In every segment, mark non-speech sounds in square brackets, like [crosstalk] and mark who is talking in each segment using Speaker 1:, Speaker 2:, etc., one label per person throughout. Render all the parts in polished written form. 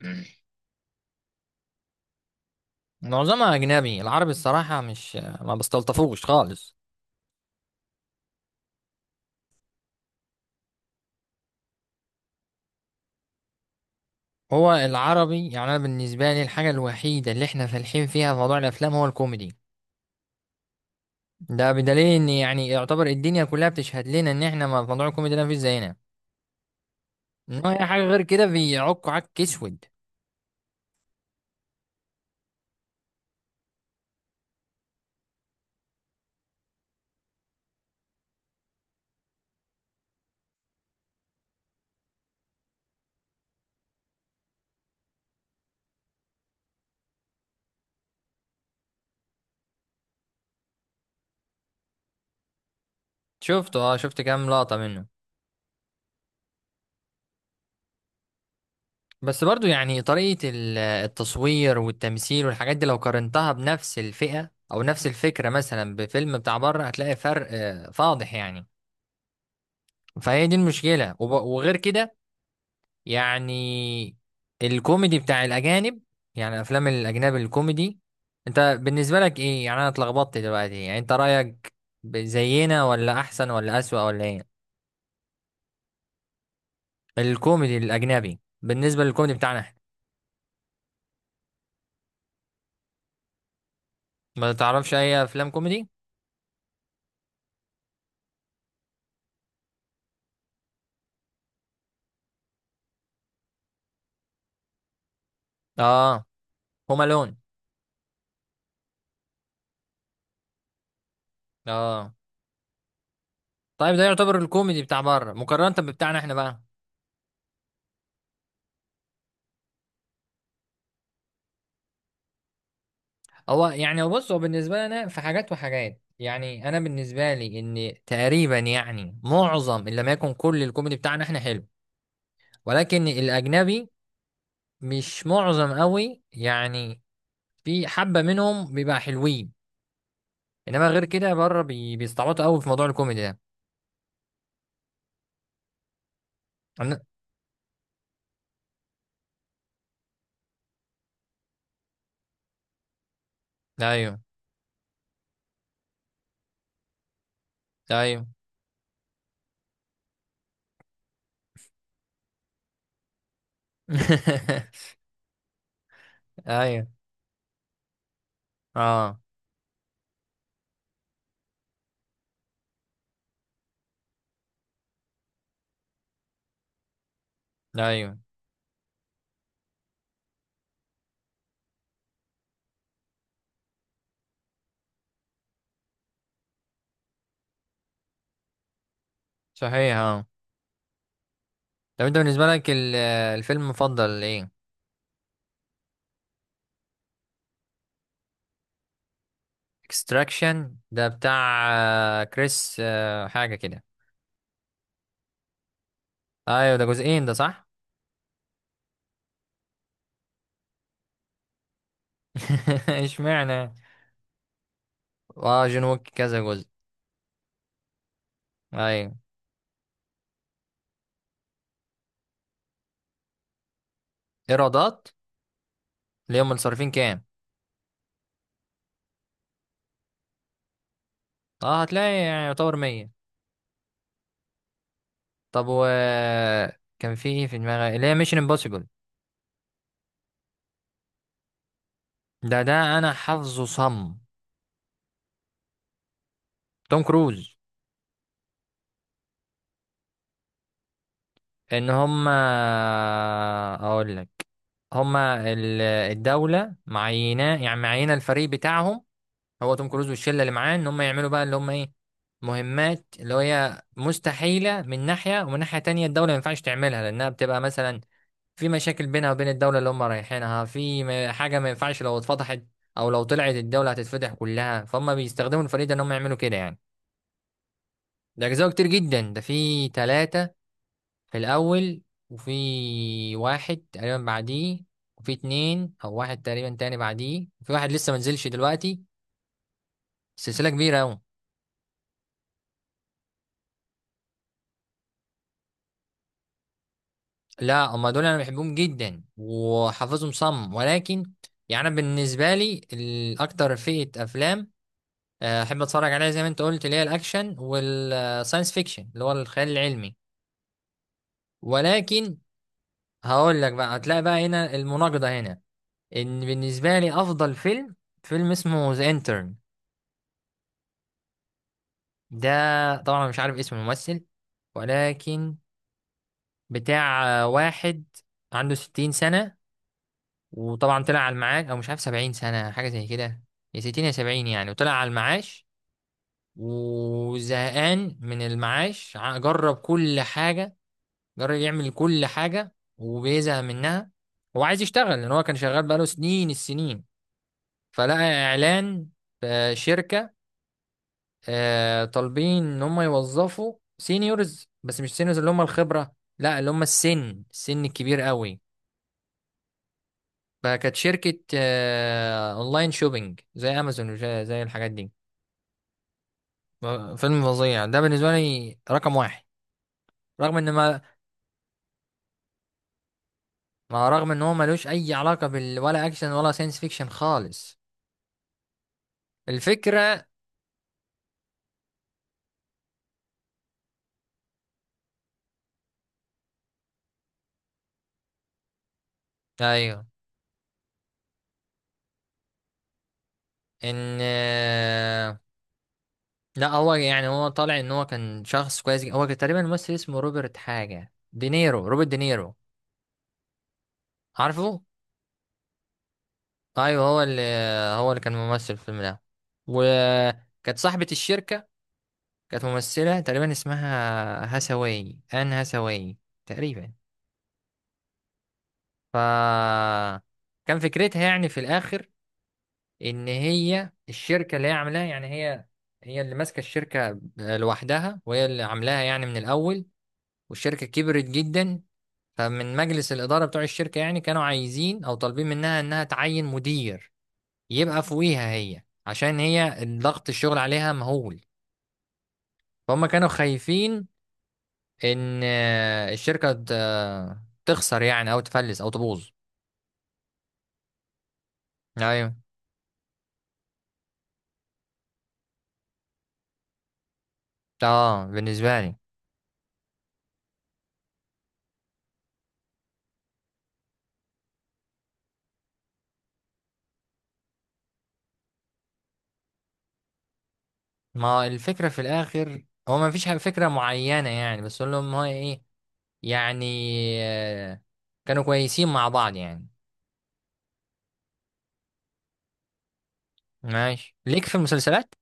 Speaker 1: مم. معظمها أجنبي العربي الصراحة مش ما بستلطفوش خالص. هو العربي يعني أنا بالنسبة لي الحاجة الوحيدة اللي احنا فالحين فيها في موضوع الأفلام هو الكوميدي. ده بدليل إن يعني يعتبر الدنيا كلها بتشهد لنا إن احنا موضوع الكوميدي ده مفيش زينا. إنما أي حاجة غير كده بيعكوا عك أسود. شفته، اه، شفت كام لقطة منه. بس برضو يعني طريقة التصوير والتمثيل والحاجات دي لو قارنتها بنفس الفئة أو نفس الفكرة مثلا بفيلم بتاع بره هتلاقي فرق فاضح يعني. فهي دي المشكلة وغير كده. يعني الكوميدي بتاع الأجانب، يعني أفلام الأجنبي الكوميدي، أنت بالنسبة لك إيه؟ يعني أنا اتلخبطت دلوقتي. يعني أنت رأيك زينا ولا أحسن ولا أسوأ ولا إيه؟ الكوميدي الأجنبي بالنسبة للكوميدي بتاعنا إحنا. ما تعرفش أي أفلام كوميدي؟ آه. هوم ألون. آه. طيب ده يعتبر الكوميدي بتاع بره مقارنة ببتاعنا إحنا بقى. هو يعني بص، هو بالنسبة لي أنا في حاجات وحاجات، يعني أنا بالنسبة لي إن تقريبا يعني معظم إن لم يكن كل الكوميدي بتاعنا إحنا حلو، ولكن الأجنبي مش معظم قوي يعني. في حبة منهم بيبقى حلوين، إنما غير كده بره بيستعبطوا قوي في موضوع الكوميدي ده. أنا... أيوه. أيوه. [laughs] أيوه. أه. أيوه. صحيح، أه. طب أنت بالنسبة لك الفيلم المفضل إيه؟ اكستراكشن ده بتاع كريس حاجة كده. ايوه ده جزئين ده، صح؟ [laughs] اشمعنى؟ اه جون ويك كذا جزء؟ ايوه. ايرادات؟ اللي هم صارفين كام؟ اه هتلاقي يعني يعتبر 100. طب كان في ايه في دماغي، اللي هي ميشن امبوسيبل. ده انا حافظه صم. توم كروز. ان هم، اقول لك، هما الدولة معينة، يعني معينة الفريق بتاعهم. هو توم كروز والشله اللي معاه ان هم يعملوا بقى اللي هم ايه، مهمات اللي هي مستحيله من ناحيه، ومن ناحيه تانية الدوله ما ينفعش تعملها لانها بتبقى مثلا في مشاكل بينها وبين الدوله اللي هم رايحينها، في حاجه ما ينفعش لو اتفضحت، او لو طلعت الدوله هتتفضح كلها. فهم بيستخدموا الفريق ده ان هم يعملوا كده يعني. ده اجزاء كتير جدا، ده في ثلاثه في الاول، وفي واحد تقريبا بعديه، وفي اتنين او واحد تقريبا تاني بعديه، وفي واحد لسه ما نزلش دلوقتي. سلسله كبيره قوي. لا، هما دول انا بحبهم جدا وحافظهم صم، ولكن يعني انا بالنسبه لي الاكتر فئه افلام احب اتفرج عليها، زي ما انت قلت، اللي هي الاكشن والساينس فيكشن اللي هو الخيال العلمي، ولكن هقول لك بقى، هتلاقي بقى هنا المناقضه هنا، ان بالنسبه لي افضل فيلم فيلم اسمه ذا انترن. ده طبعا أنا مش عارف اسم الممثل، ولكن بتاع واحد عنده 60 سنة، وطبعا طلع على المعاش، او مش عارف، 70 سنه حاجه زي كده، يا 60 يا 70 يعني، وطلع على المعاش وزهقان من المعاش. جرب كل حاجه، جرب يعمل كل حاجه وبيزهق منها. هو عايز يشتغل لان هو كان شغال بقاله سنين السنين. فلقى اعلان في شركه طالبين ان هم يوظفوا سينيورز، بس مش سينيورز اللي هم الخبره، لا اللي هم السن، السن الكبير قوي. فكانت شركة أونلاين شوبينج زي أمازون وزي الحاجات دي. فيلم فظيع، ده بالنسبة لي رقم واحد. رغم إن ما مع رغم إن هو ملوش أي علاقة بال، ولا أكشن ولا ساينس فيكشن خالص. الفكرة، أيوه، إن لا هو يعني هو طالع إن هو كان شخص كويس جدا. هو كان تقريبا ممثل اسمه روبرت حاجة دينيرو، روبرت دينيرو، عارفه؟ أيوه، هو اللي، كان ممثل في الفيلم ده. وكانت صاحبة الشركة كانت ممثلة تقريبا اسمها هسواي، آن هسواي تقريبا. ف كان فكرتها يعني في الآخر إن هي الشركة اللي هي عاملاها، يعني هي اللي ماسكة الشركة لوحدها وهي اللي عاملاها يعني من الأول، والشركة كبرت جدا. فمن مجلس الإدارة بتوع الشركة يعني كانوا عايزين أو طالبين منها إنها تعين مدير يبقى فوقيها هي، عشان هي ضغط الشغل عليها مهول. فهم كانوا خايفين ان الشركه تخسر يعني، او تفلس، او تبوظ. ايوه. اه، بالنسبه لي. ما الفكره في الاخر هو ما فيش فكره معينه يعني، بس اقول لهم هو ايه، يعني آه، كانوا كويسين مع بعض يعني. ماشي. ليك في المسلسلات؟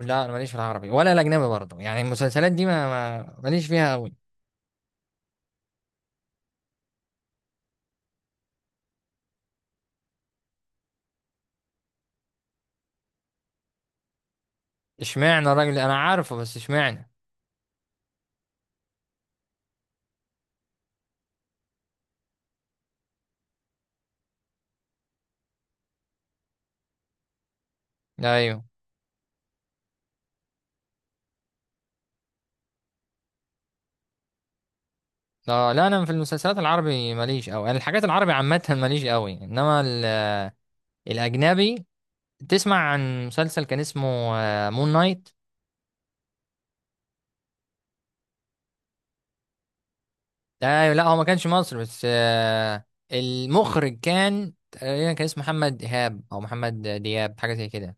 Speaker 1: لا انا ماليش في العربي ولا الاجنبي برضه، يعني المسلسلات دي ماليش فيها قوي. اشمعنى؟ الراجل انا عارفه بس اشمعنى؟ ايوه. لا، لا، انا في المسلسلات العربي ماليش قوي، يعني الحاجات العربي عامه ماليش قوي، انما الاجنبي. تسمع عن مسلسل كان اسمه مون نايت؟ ده لا، هو ما كانش مصري، بس المخرج كان تقريبا كان اسمه محمد ايهاب او محمد دياب حاجه زي كده.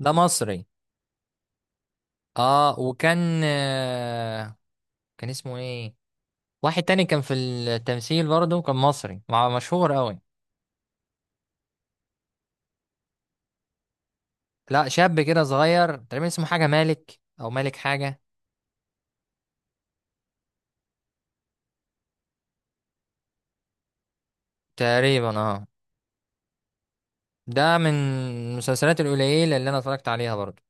Speaker 1: ده مصري، اه، وكان آه، كان اسمه ايه، واحد تاني كان في التمثيل برضه كان مصري، مع مشهور قوي. لا شاب كده صغير، تقريبا اسمه حاجه مالك او مالك حاجه تقريبا، اه. ده من المسلسلات القليله اللي انا اتفرجت عليها برضه.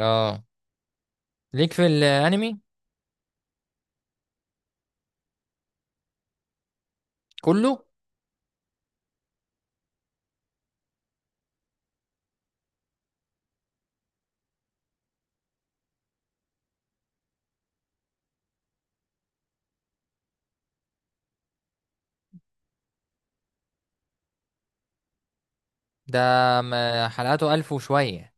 Speaker 1: اه. ليك في الانمي؟ كله. ده حلقاته 1000 وشوية.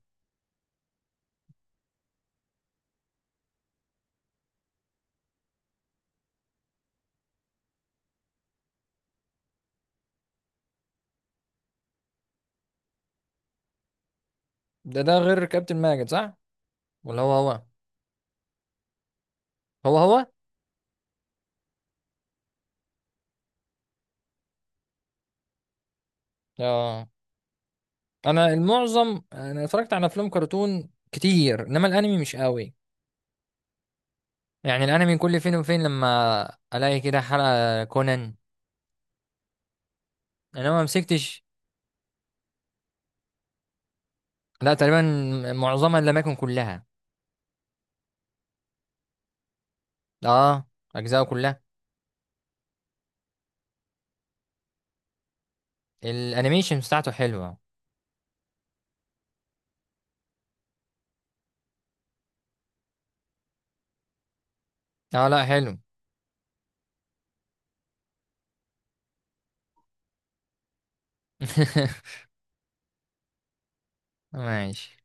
Speaker 1: ده غير كابتن ماجد، صح؟ ولا هو هو؟ هو هو. اه. انا المعظم انا اتفرجت على افلام كرتون كتير، انما الانمي مش قوي، يعني الانمي كل فين وفين لما الاقي كده حلقة كونان. انا ما مسكتش. لا، تقريبا معظمها لم يكن كلها. اه، اجزاء كلها. الانيميشن بتاعته حلوة. اه، لا، حلو. [laughs] ماشي.